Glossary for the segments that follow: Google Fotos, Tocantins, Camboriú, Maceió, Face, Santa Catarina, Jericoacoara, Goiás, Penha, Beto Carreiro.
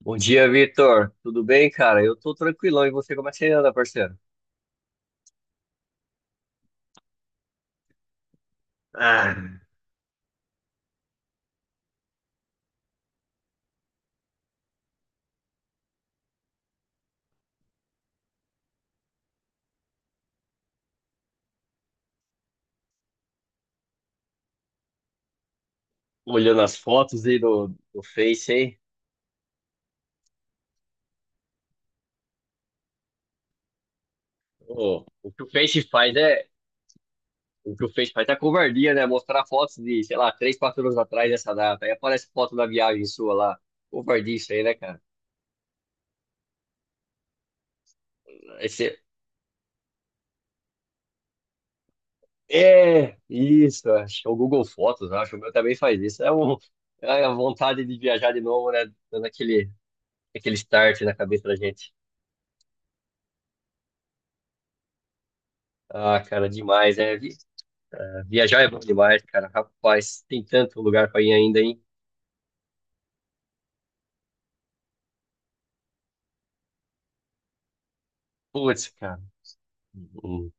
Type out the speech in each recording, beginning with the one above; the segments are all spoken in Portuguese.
Bom dia, Vitor. Tudo bem, cara? Eu tô tranquilão. E você, como é que você anda, parceiro? Olhando as fotos aí do Face, hein? Ô, o que o Face faz é. O que o Face faz é covardia, né? Mostrar fotos de, sei lá, 3, 4 anos atrás dessa data. Aí aparece foto da viagem sua lá. Covardia isso aí, né, cara? Esse É, isso. Acho que é o Google Fotos, acho. O meu também faz isso. É a vontade de viajar de novo, né? Dando aquele start na cabeça da gente. Ah, cara, demais, né? Viajar é bom demais, cara. Rapaz, tem tanto lugar pra ir ainda, hein? Putz, cara. O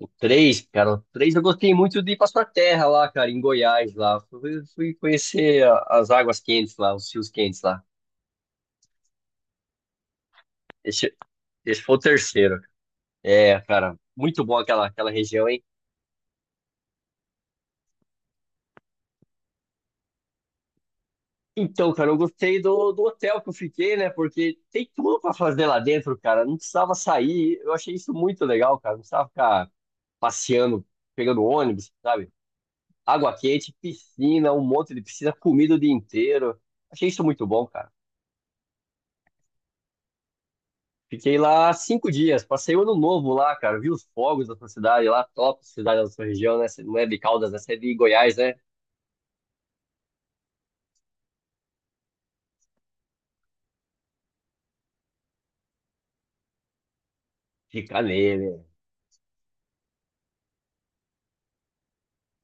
o três, cara, o três eu gostei muito de ir pra sua terra lá, cara, em Goiás lá. Fui conhecer as águas quentes lá, os rios quentes lá. Esse, esse foi o terceiro. É, cara, muito bom aquela região, hein? Então, cara, eu gostei do hotel que eu fiquei, né? Porque tem tudo pra fazer lá dentro, cara. Não precisava sair. Eu achei isso muito legal, cara. Não precisava ficar passeando, pegando ônibus, sabe? Água quente, piscina, um monte de piscina, comida o dia inteiro. Achei isso muito bom, cara. Fiquei lá 5 dias, passei o ano novo lá, cara. Vi os fogos da sua cidade lá, top cidade da sua região, né? Não é de Caldas, né? Você é de Goiás, né? Fica nele.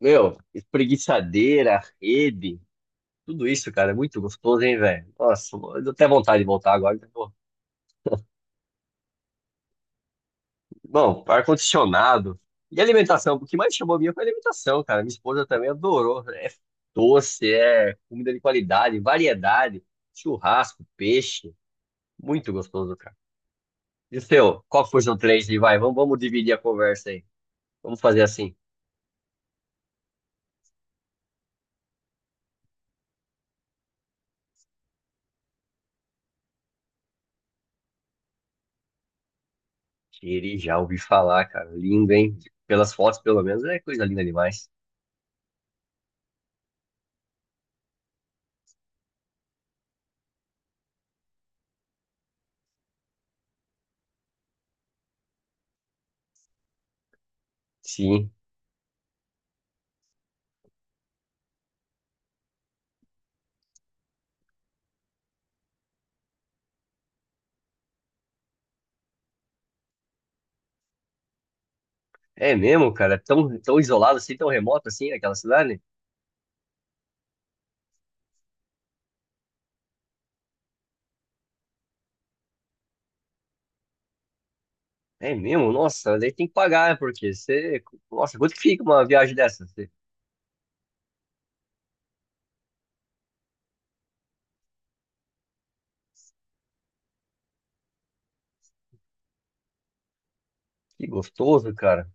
Meu, espreguiçadeira, rede, tudo isso, cara, é muito gostoso, hein, velho? Nossa, eu tô até vontade de voltar agora. Bom, ar-condicionado. E alimentação, o que mais chamou a minha foi a alimentação, cara. Minha esposa também adorou. É doce, é comida de qualidade, variedade, churrasco, peixe. Muito gostoso, cara. E o seu? Qual que foi o seu três? E vamos dividir a conversa aí. Vamos fazer assim. Ele Já ouvi falar, cara. Lindo, hein? Pelas fotos, pelo menos, é coisa linda demais. Sim. É mesmo, cara? É tão isolado assim, tão remoto assim, aquela cidade? É mesmo? Nossa, daí tem que pagar, né? Porque você. Nossa, quanto que fica uma viagem dessa? Que gostoso, cara.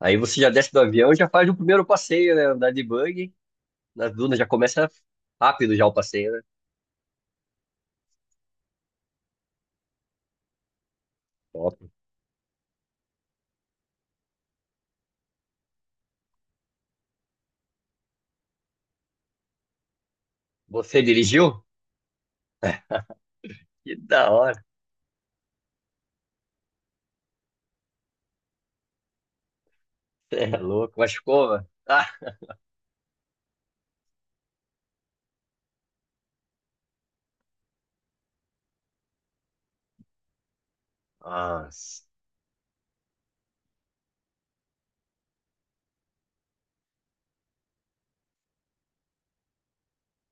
Aí você já desce do avião e já faz o primeiro passeio, né? Andar de buggy. Nas dunas já começa rápido já o passeio, né? Top. Você dirigiu? Que da hora. Você é louco. Machucou, mano. Ah, nossa.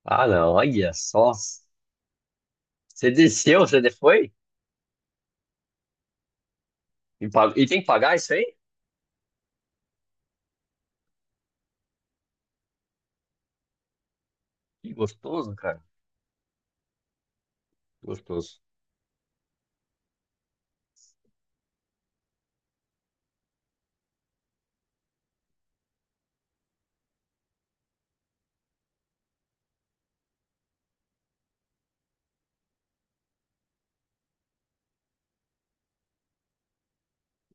Ah, não. Olha só. Você desceu, você foi? E, e tem que pagar isso aí? Que gostoso, cara. Gostoso.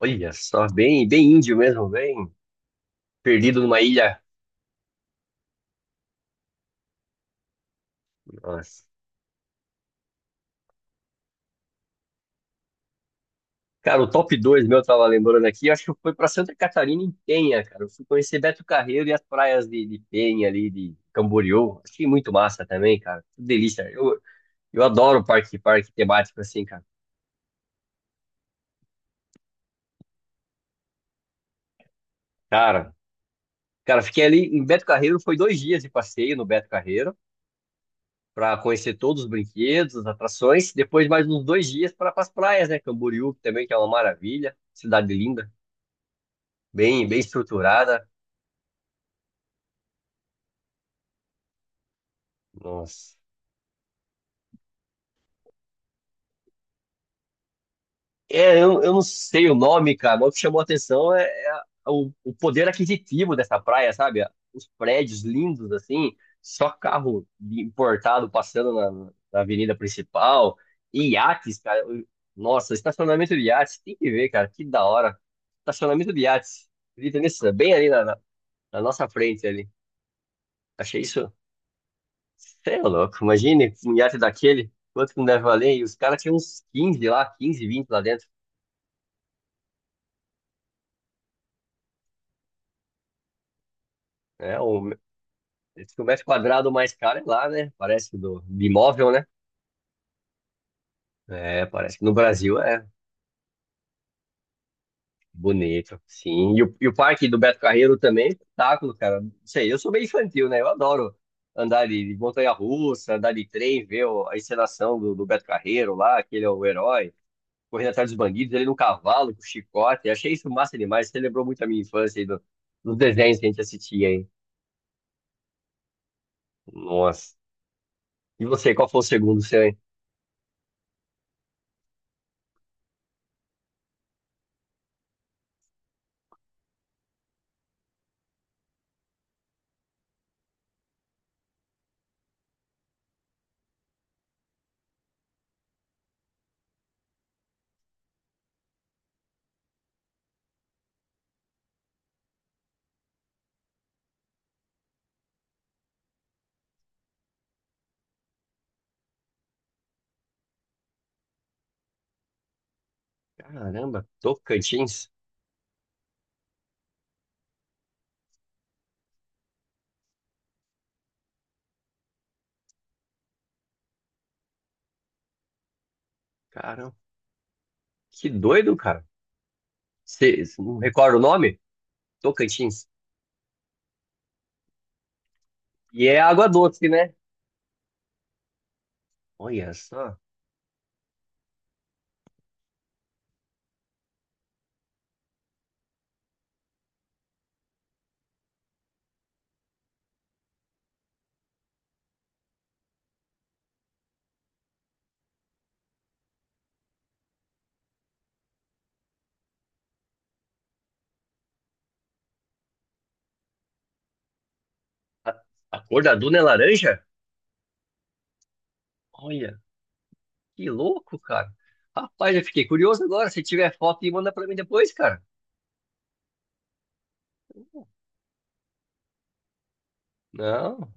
Olha só. Bem, bem índio mesmo, bem perdido numa ilha. Nossa. Cara, o top 2 meu, eu tava lembrando aqui, acho que foi pra Santa Catarina em Penha, cara. Eu fui conhecer Beto Carreiro e as praias de Penha ali, de Camboriú. Achei muito massa também, cara. Que delícia. Eu adoro parque temático assim, cara. Cara, cara, fiquei ali em Beto Carreiro, foi 2 dias de passeio no Beto Carreiro, pra conhecer todos os brinquedos, as atrações. Depois mais uns 2 dias para as praias, né? Camboriú também, que é uma maravilha. Cidade linda, bem, bem estruturada. Nossa. É, eu não sei o nome, cara, mas o que chamou a atenção é o poder aquisitivo dessa praia, sabe? Os prédios lindos, assim, só carro importado passando na avenida principal, e iates, cara. Nossa, estacionamento de iates, tem que ver, cara, que da hora. Estacionamento de iates, acredita nisso? Bem ali na nossa frente ali. Achei isso, sei é louco, imagine um iate daquele, quanto que não deve valer, e os caras tinham uns 15 lá, 15 20 lá dentro. É, diz que o metro quadrado mais caro é lá, né? Parece que do de imóvel, né? É, parece que no Brasil é bonito, sim. E o parque do Beto Carreiro também é espetáculo, cara. Não sei, eu sou meio infantil, né? Eu adoro andar de montanha-russa, andar de trem, ver a encenação do Beto Carreiro lá, aquele é o herói, correndo atrás dos bandidos, ele no cavalo, com chicote. Achei isso massa demais. Você lembrou muito a minha infância aí dos desenhos que a gente assistia, hein? Nossa. E você, qual foi o segundo seu, hein? Caramba, Tocantins? Caramba. Que doido, cara. Você não recorda o nome? Tocantins. E é água doce, né? Olha só. A, a cor da duna é laranja? Olha, que louco, cara. Rapaz, eu fiquei curioso agora. Se tiver foto, manda pra mim depois, cara. Não,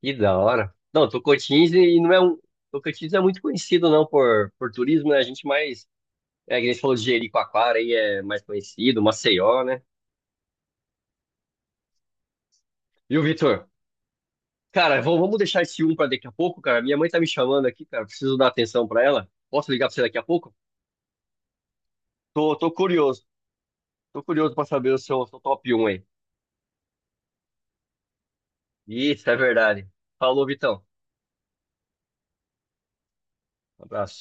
que da hora. Não, Tocantins e não é um. Tocantins não é muito conhecido, não, por turismo, né? A gente mais. É, que a gente falou de Jericoacoara aí é mais conhecido, Maceió, né? E o Vitor? Cara, vamos deixar esse um pra daqui a pouco, cara. Minha mãe tá me chamando aqui, cara. Preciso dar atenção pra ela. Posso ligar pra você daqui a pouco? Tô curioso. Tô curioso pra saber o seu top um, aí. Isso, é verdade. Falou, Vitão. Um abraço.